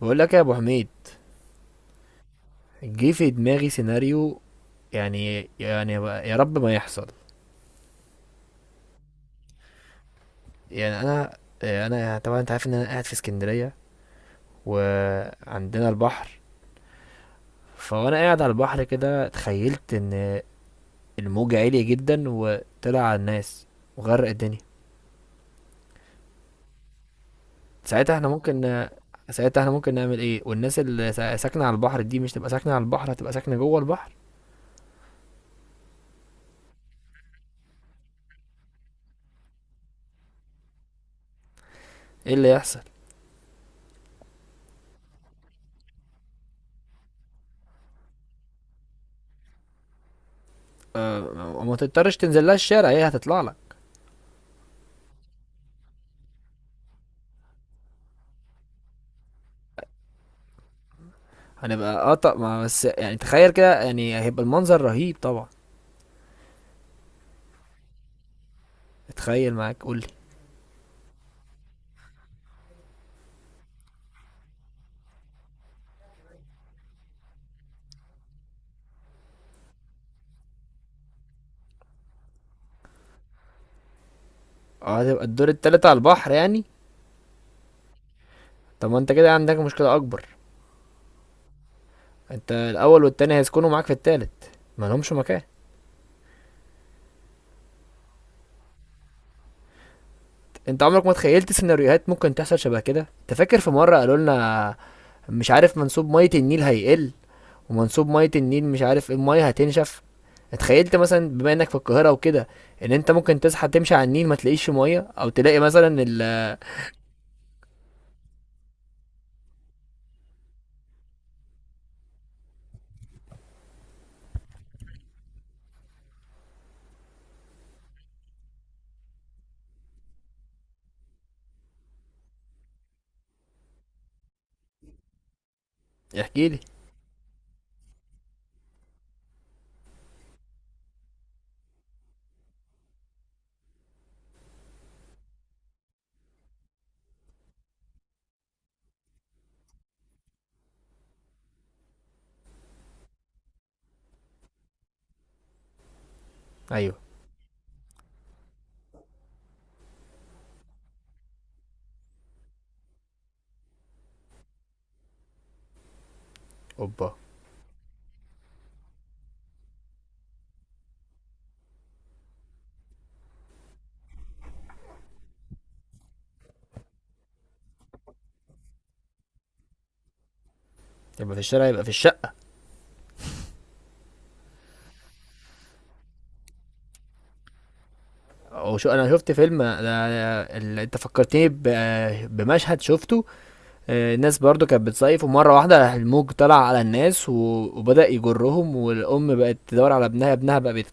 بقول لك يا ابو حميد. جه في دماغي سيناريو، يعني يا رب ما يحصل. يعني انا طبعا انت عارف ان انا قاعد في اسكندريه وعندنا البحر. فوانا قاعد على البحر كده تخيلت ان الموج عالي جدا وطلع على الناس وغرق الدنيا. ساعتها احنا ممكن ساعتها احنا ممكن نعمل ايه؟ والناس اللي ساكنه على البحر دي مش تبقى ساكنه على البحر، هتبقى ساكنه جوه البحر. ايه اللي يحصل؟ أه، وما تضطرش تنزل لها الشارع، هي هتطلع لك. هنبقى قطع، ما بس يعني تخيل كده، يعني هيبقى المنظر رهيب طبعا. اتخيل معاك، قولي. اه، هتبقى الدور التالت على البحر يعني. طب ما انت كده عندك مشكلة أكبر. انت الأول والتاني هيسكنوا معاك في التالت، ما لهمش مكان. انت عمرك ما تخيلت سيناريوهات ممكن تحصل شبه كده؟ انت فاكر في مرة قالوا لنا مش عارف منسوب مية النيل هيقل، ومنسوب مية النيل مش عارف ايه، المية هتنشف؟ اتخيلت مثلا بما انك في القاهرة وكده ان انت ممكن تصحى تمشي على النيل ما تلاقيش مية، او تلاقي مثلا ال... احكيلي. ايوه. اوبا. يبقى في الشارع، يبقى في الشقة. او شو، انا شفت فيلم انت فكرتني بمشهد شفته. الناس برضو كانت بتصيف، ومرة واحدة راح الموج طلع على الناس وبدأ يجرهم، والأم بقت تدور على ابنها. ابنها بقى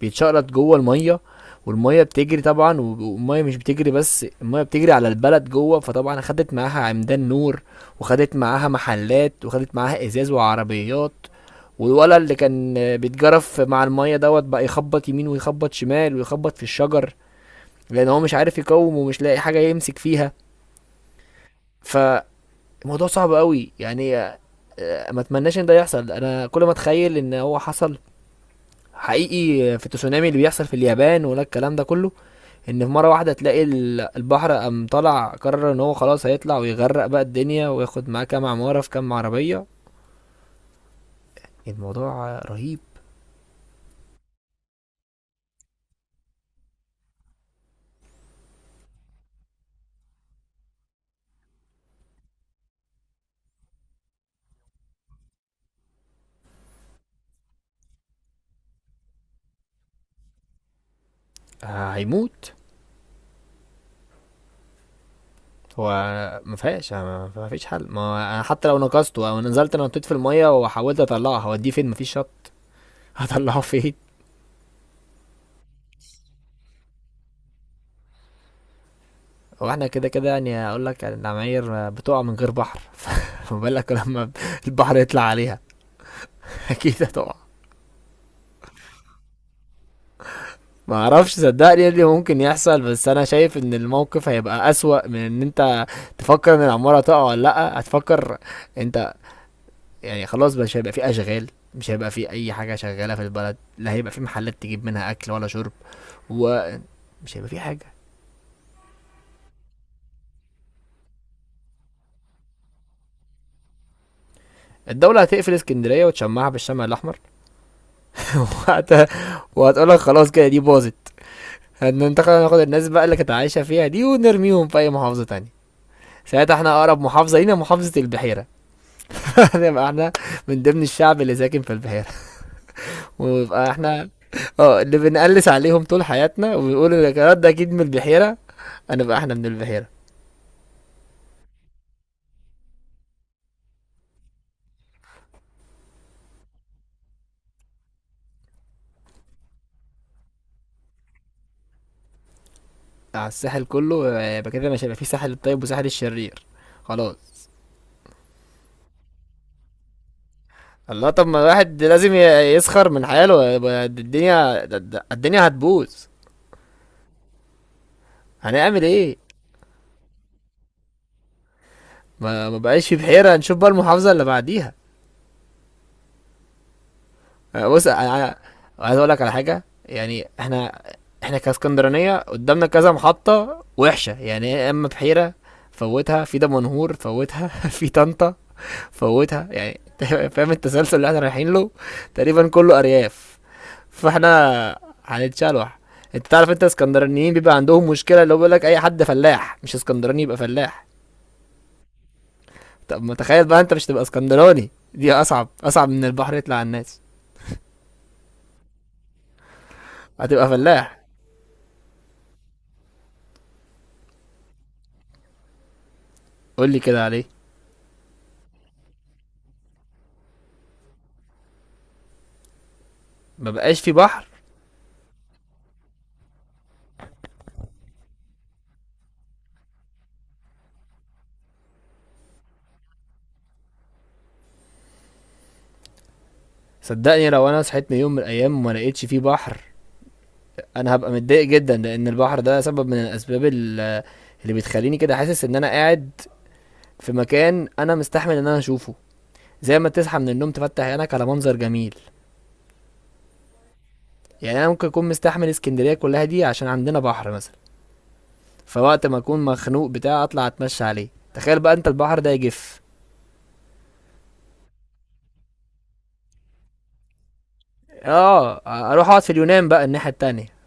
بيتشقلط جوه الميه، والميه بتجري طبعا، والميه مش بتجري بس، الميه بتجري على البلد جوه، فطبعا خدت معاها عمدان نور، وخدت معاها محلات، وخدت معاها ازاز وعربيات. والولد اللي كان بيتجرف مع الميه دوت بقى يخبط يمين ويخبط شمال ويخبط في الشجر، لان هو مش عارف يقوم ومش لاقي حاجه يمسك فيها. فالموضوع صعب قوي يعني. ما اتمناش ان ده يحصل. انا كل ما اتخيل ان هو حصل حقيقي في التسونامي اللي بيحصل في اليابان ولا الكلام ده كله، ان في مره واحده تلاقي البحر قام طلع قرر ان هو خلاص هيطلع ويغرق بقى الدنيا وياخد معاه كام عماره في كام عربيه. الموضوع رهيب. هيموت. هو ما فيهاش. ما فيش حل. ما انا حتى لو نقصته او نزلت انا نطيت في الميه وحاولت اطلعه، هوديه فين؟ مفيش شط. هطلعه فين؟ هو احنا كده كده يعني، اقول لك يعني، العماير بتقع من غير بحر. فما بالك لما البحر يطلع عليها؟ اكيد هتقع. ما اعرفش، صدقني، ايه اللي ممكن يحصل، بس انا شايف ان الموقف هيبقى اسوأ من ان انت تفكر ان العمارة تقع ولا لا. هتفكر انت يعني خلاص مش هيبقى في اشغال، مش هيبقى في اي حاجة شغالة في البلد، لا هيبقى في محلات تجيب منها اكل ولا شرب، ومش هيبقى في حاجة. الدولة هتقفل اسكندرية وتشمعها بالشمع الأحمر. وقتها وهتقولك خلاص كده دي باظت، هننتقل، ناخد الناس بقى اللي كانت عايشة فيها دي ونرميهم في أي محافظة تانية. ساعتها احنا أقرب محافظة لينا محافظة البحيرة، نبقى احنا من ضمن الشعب اللي ساكن في البحيرة، ويبقى احنا اه اللي بنقلس عليهم طول حياتنا وبيقول لك يا ده اكيد من البحيرة، هنبقى احنا من البحيرة. على الساحل كله؟ يبقى كده مش هيبقى في ساحل الطيب وساحل الشرير، خلاص. الله، طب ما الواحد لازم يسخر من حاله. يبقى الدنيا هتبوظ، هنعمل ايه؟ ما بقاش في بحيرة، نشوف بقى المحافظة اللي بعديها. بص أنا عايز اقول لك على حاجه يعني. احنا كاسكندرانيه قدامنا كذا محطه وحشه يعني، يا اما بحيره، فوتها في دمنهور، فوتها في طنطا، فوتها يعني. فاهم التسلسل اللي احنا رايحين له؟ تقريبا كله ارياف، فاحنا هنتشلوح. انت تعرف انت اسكندرانيين بيبقى عندهم مشكله، اللي هو بيقول لك اي حد فلاح مش اسكندراني يبقى فلاح. طب ما تخيل بقى انت مش تبقى اسكندراني، دي اصعب اصعب من البحر يطلع على الناس. هتبقى فلاح. قول لي كده عليه. ما بقاش في بحر. صدقني لو انا صحيت من يوم من الايام وما لقيتش فيه بحر، انا هبقى متضايق جدا، لان البحر ده سبب من الاسباب اللي بتخليني كده حاسس ان انا قاعد في مكان انا مستحمل ان انا اشوفه، زي ما تصحى من النوم تفتح عينك على منظر جميل. يعني انا ممكن اكون مستحمل اسكندريه كلها دي عشان عندنا بحر مثلا، فوقت ما اكون مخنوق بتاع اطلع اتمشى عليه. تخيل بقى انت البحر ده يجف. اه. اروح اقعد في اليونان بقى الناحيه التانية.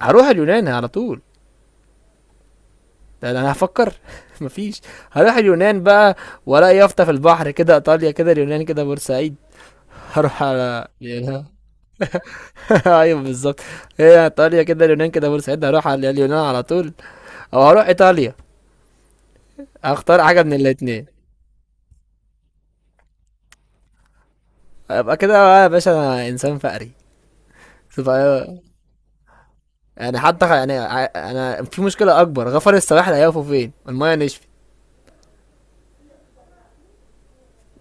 هروح اليونان على طول. لا لا، انا هفكر. مفيش، هروح اليونان بقى. ولا يافطة في البحر كده ايطاليا، كده اليونان، كده بورسعيد، هروح على اليونان. ايوه بالظبط. هي ايطاليا كده، اليونان كده، بورسعيد، هروح على اليونان على طول، او هروح ايطاليا، هختار حاجة من الاتنين. ابقى كده بقى يا باشا، انا انسان فقري. تبقى، يعني حتى انا في مشكلة اكبر، غفر السواحل هيقفوا فين المايه نشفت؟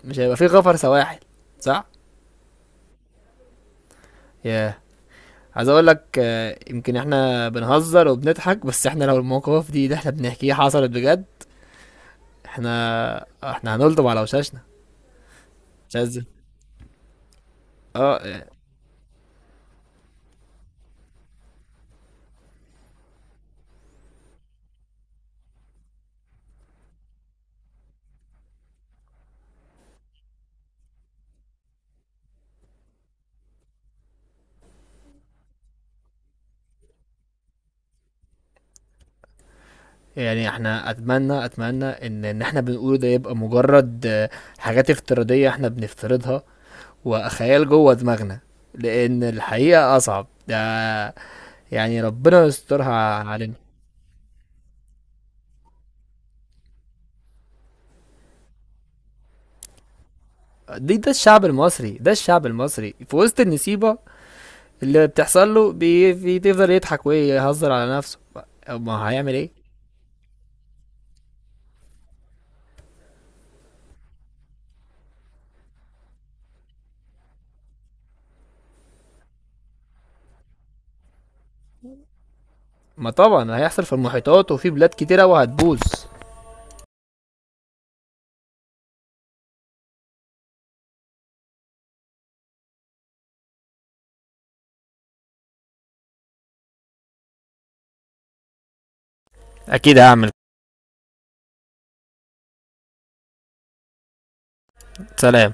مش هيبقى في غفر سواحل، صح. ياه. عايز اقول لك، يمكن احنا بنهزر وبنضحك، بس احنا لو المواقف دي اللي احنا بنحكيها حصلت بجد، احنا احنا هنلطم على وشاشنا. مش عايز. اه. يعني احنا اتمنى ان احنا بنقوله ده يبقى مجرد حاجات افتراضية احنا بنفترضها وخيال جوه دماغنا، لان الحقيقة اصعب ده يعني، ربنا يسترها علينا. دي، ده الشعب المصري، ده الشعب المصري في وسط النسيبة اللي بتحصل له بيفضل يضحك ويهزر على نفسه، ما هيعمل ايه. ما طبعا هيحصل في المحيطات وفي بلاد كتيرة وهتبوظ. اكيد هعمل. سلام.